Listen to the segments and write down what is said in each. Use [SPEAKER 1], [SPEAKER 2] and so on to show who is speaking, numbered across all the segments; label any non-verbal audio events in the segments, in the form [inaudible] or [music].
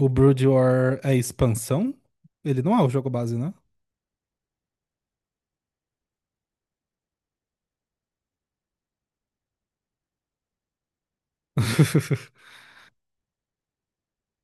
[SPEAKER 1] O Brood War é expansão? Ele não é o jogo base, né? [laughs]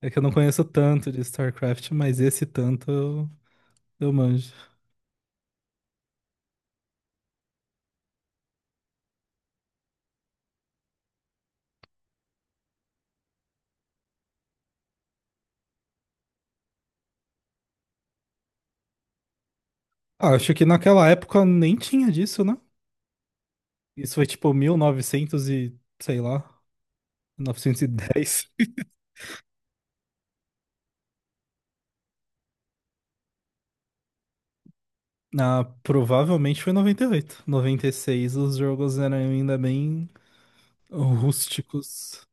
[SPEAKER 1] É que eu não conheço tanto de StarCraft, mas esse tanto eu manjo. Ah, acho que naquela época nem tinha disso, né? Isso foi tipo 1900 e, novecentos e, sei lá, novecentos e dez. [laughs] Ah, provavelmente foi noventa e oito, noventa e seis. Os jogos eram ainda bem rústicos.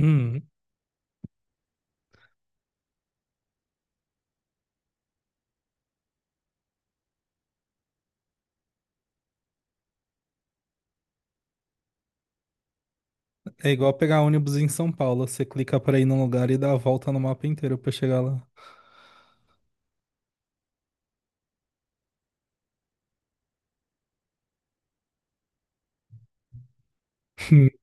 [SPEAKER 1] Hum, é igual pegar ônibus em São Paulo. Você clica pra ir num lugar e dá a volta no mapa inteiro pra chegar lá. [laughs]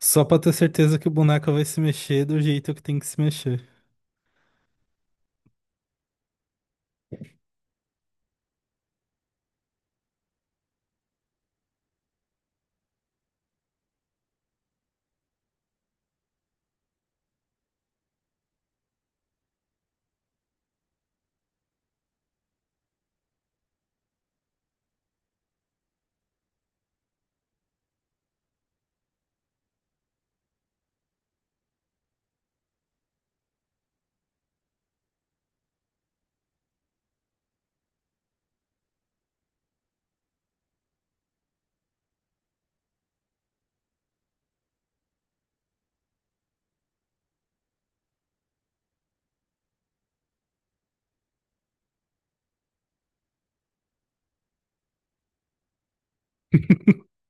[SPEAKER 1] Só pra ter certeza que o boneco vai se mexer do jeito que tem que se mexer. [laughs]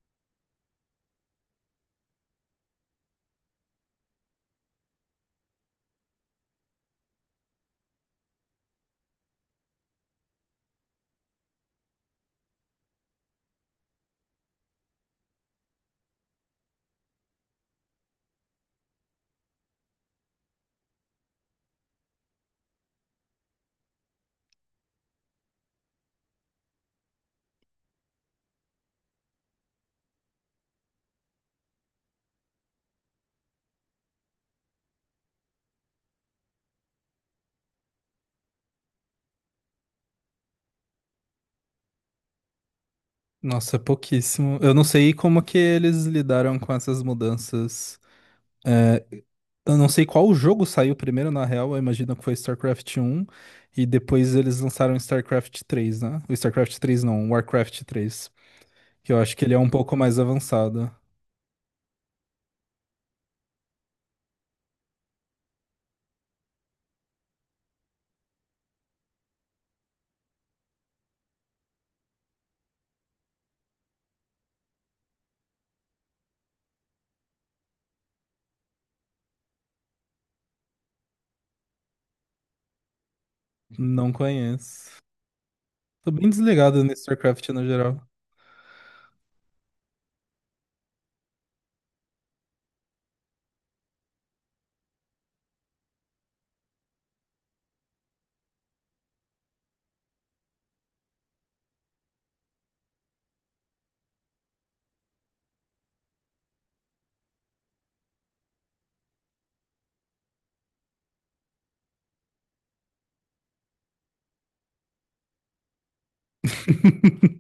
[SPEAKER 1] Nossa, é pouquíssimo. Eu não sei como que eles lidaram com essas mudanças. É, eu não sei qual jogo saiu primeiro, na real. Eu imagino que foi StarCraft um. E depois eles lançaram StarCraft três, né? O StarCraft três não, o Warcraft três. Que eu acho que ele é um pouco mais avançado. Não conheço. Tô bem desligado no StarCraft no geral. [laughs]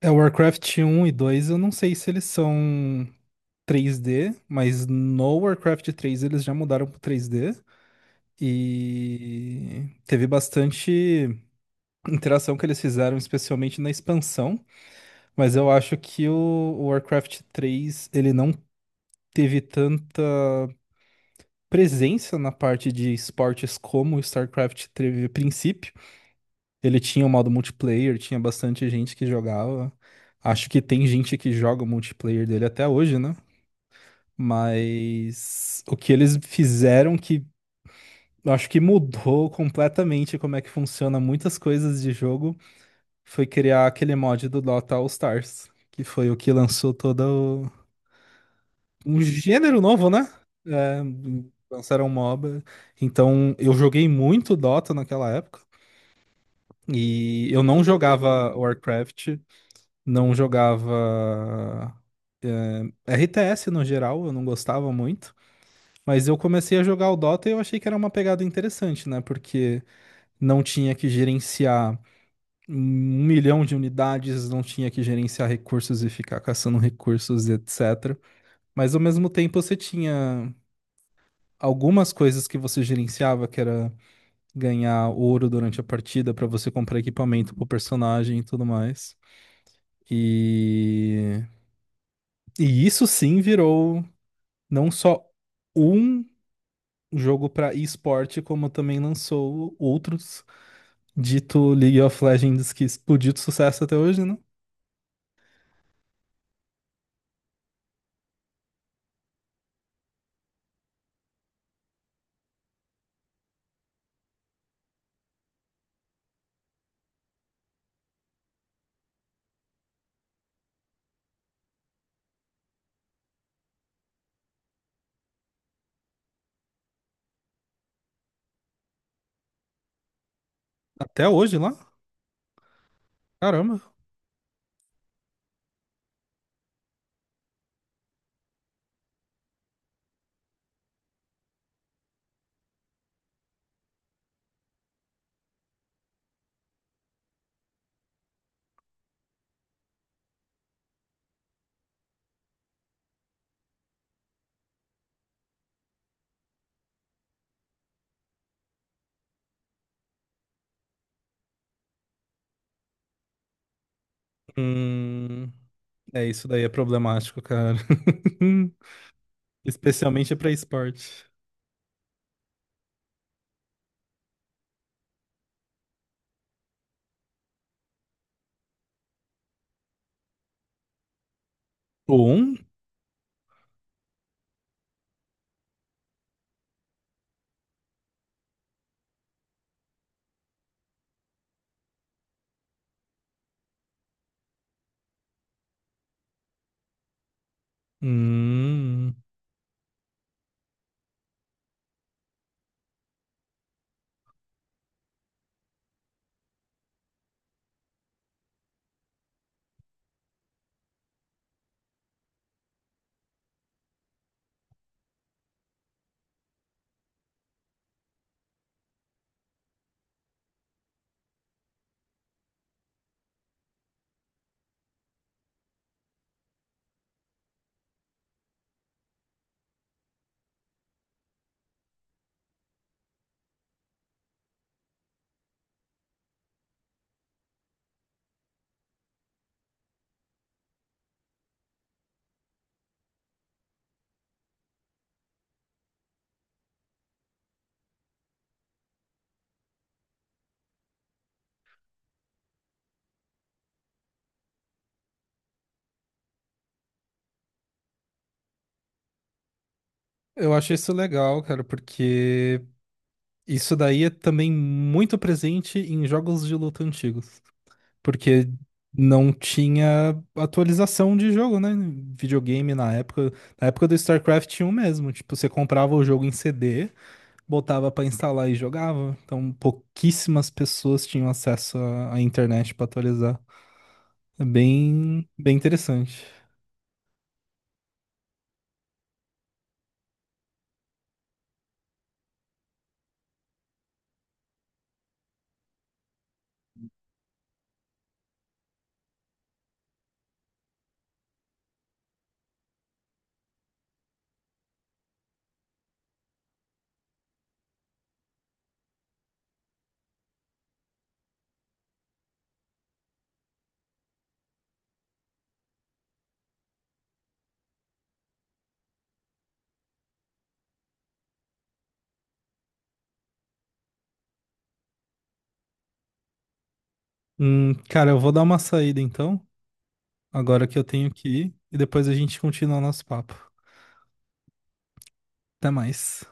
[SPEAKER 1] É, o Warcraft um e dois, eu não sei se eles são 3D, mas no Warcraft três eles já mudaram pro 3D. E teve bastante interação que eles fizeram, especialmente na expansão. Mas eu acho que o Warcraft três ele não teve tanta presença na parte de esportes como o StarCraft teve a princípio. Ele tinha o modo multiplayer, tinha bastante gente que jogava. Acho que tem gente que joga o multiplayer dele até hoje, né? Mas o que eles fizeram que eu acho que mudou completamente como é que funciona muitas coisas de jogo foi criar aquele mod do Dota All Stars, que foi o que lançou todo o- um gênero novo, né? É, lançaram um MOBA. Então, eu joguei muito Dota naquela época. E eu não jogava Warcraft, não jogava RTS no geral, eu não gostava muito. Mas eu comecei a jogar o Dota e eu achei que era uma pegada interessante, né? Porque não tinha que gerenciar um milhão de unidades, não tinha que gerenciar recursos e ficar caçando recursos, etc. Mas ao mesmo tempo você tinha algumas coisas que você gerenciava, que era ganhar ouro durante a partida para você comprar equipamento pro personagem e tudo mais. E e isso sim virou não só um jogo para esporte, como também lançou outros, dito League of Legends, que explodiu de sucesso até hoje, né? Até hoje lá? Caramba. Hum, é isso daí é problemático, cara. [laughs] Especialmente pra esporte. Um? Hum, eu acho isso legal, cara, porque isso daí é também muito presente em jogos de luta antigos. Porque não tinha atualização de jogo, né? Videogame na época do StarCraft 1 mesmo, tipo, você comprava o jogo em CD, botava pra instalar e jogava. Então, pouquíssimas pessoas tinham acesso à internet pra atualizar. É bem, bem interessante. Cara, eu vou dar uma saída então, agora que eu tenho que ir, e depois a gente continua o nosso papo. Até mais.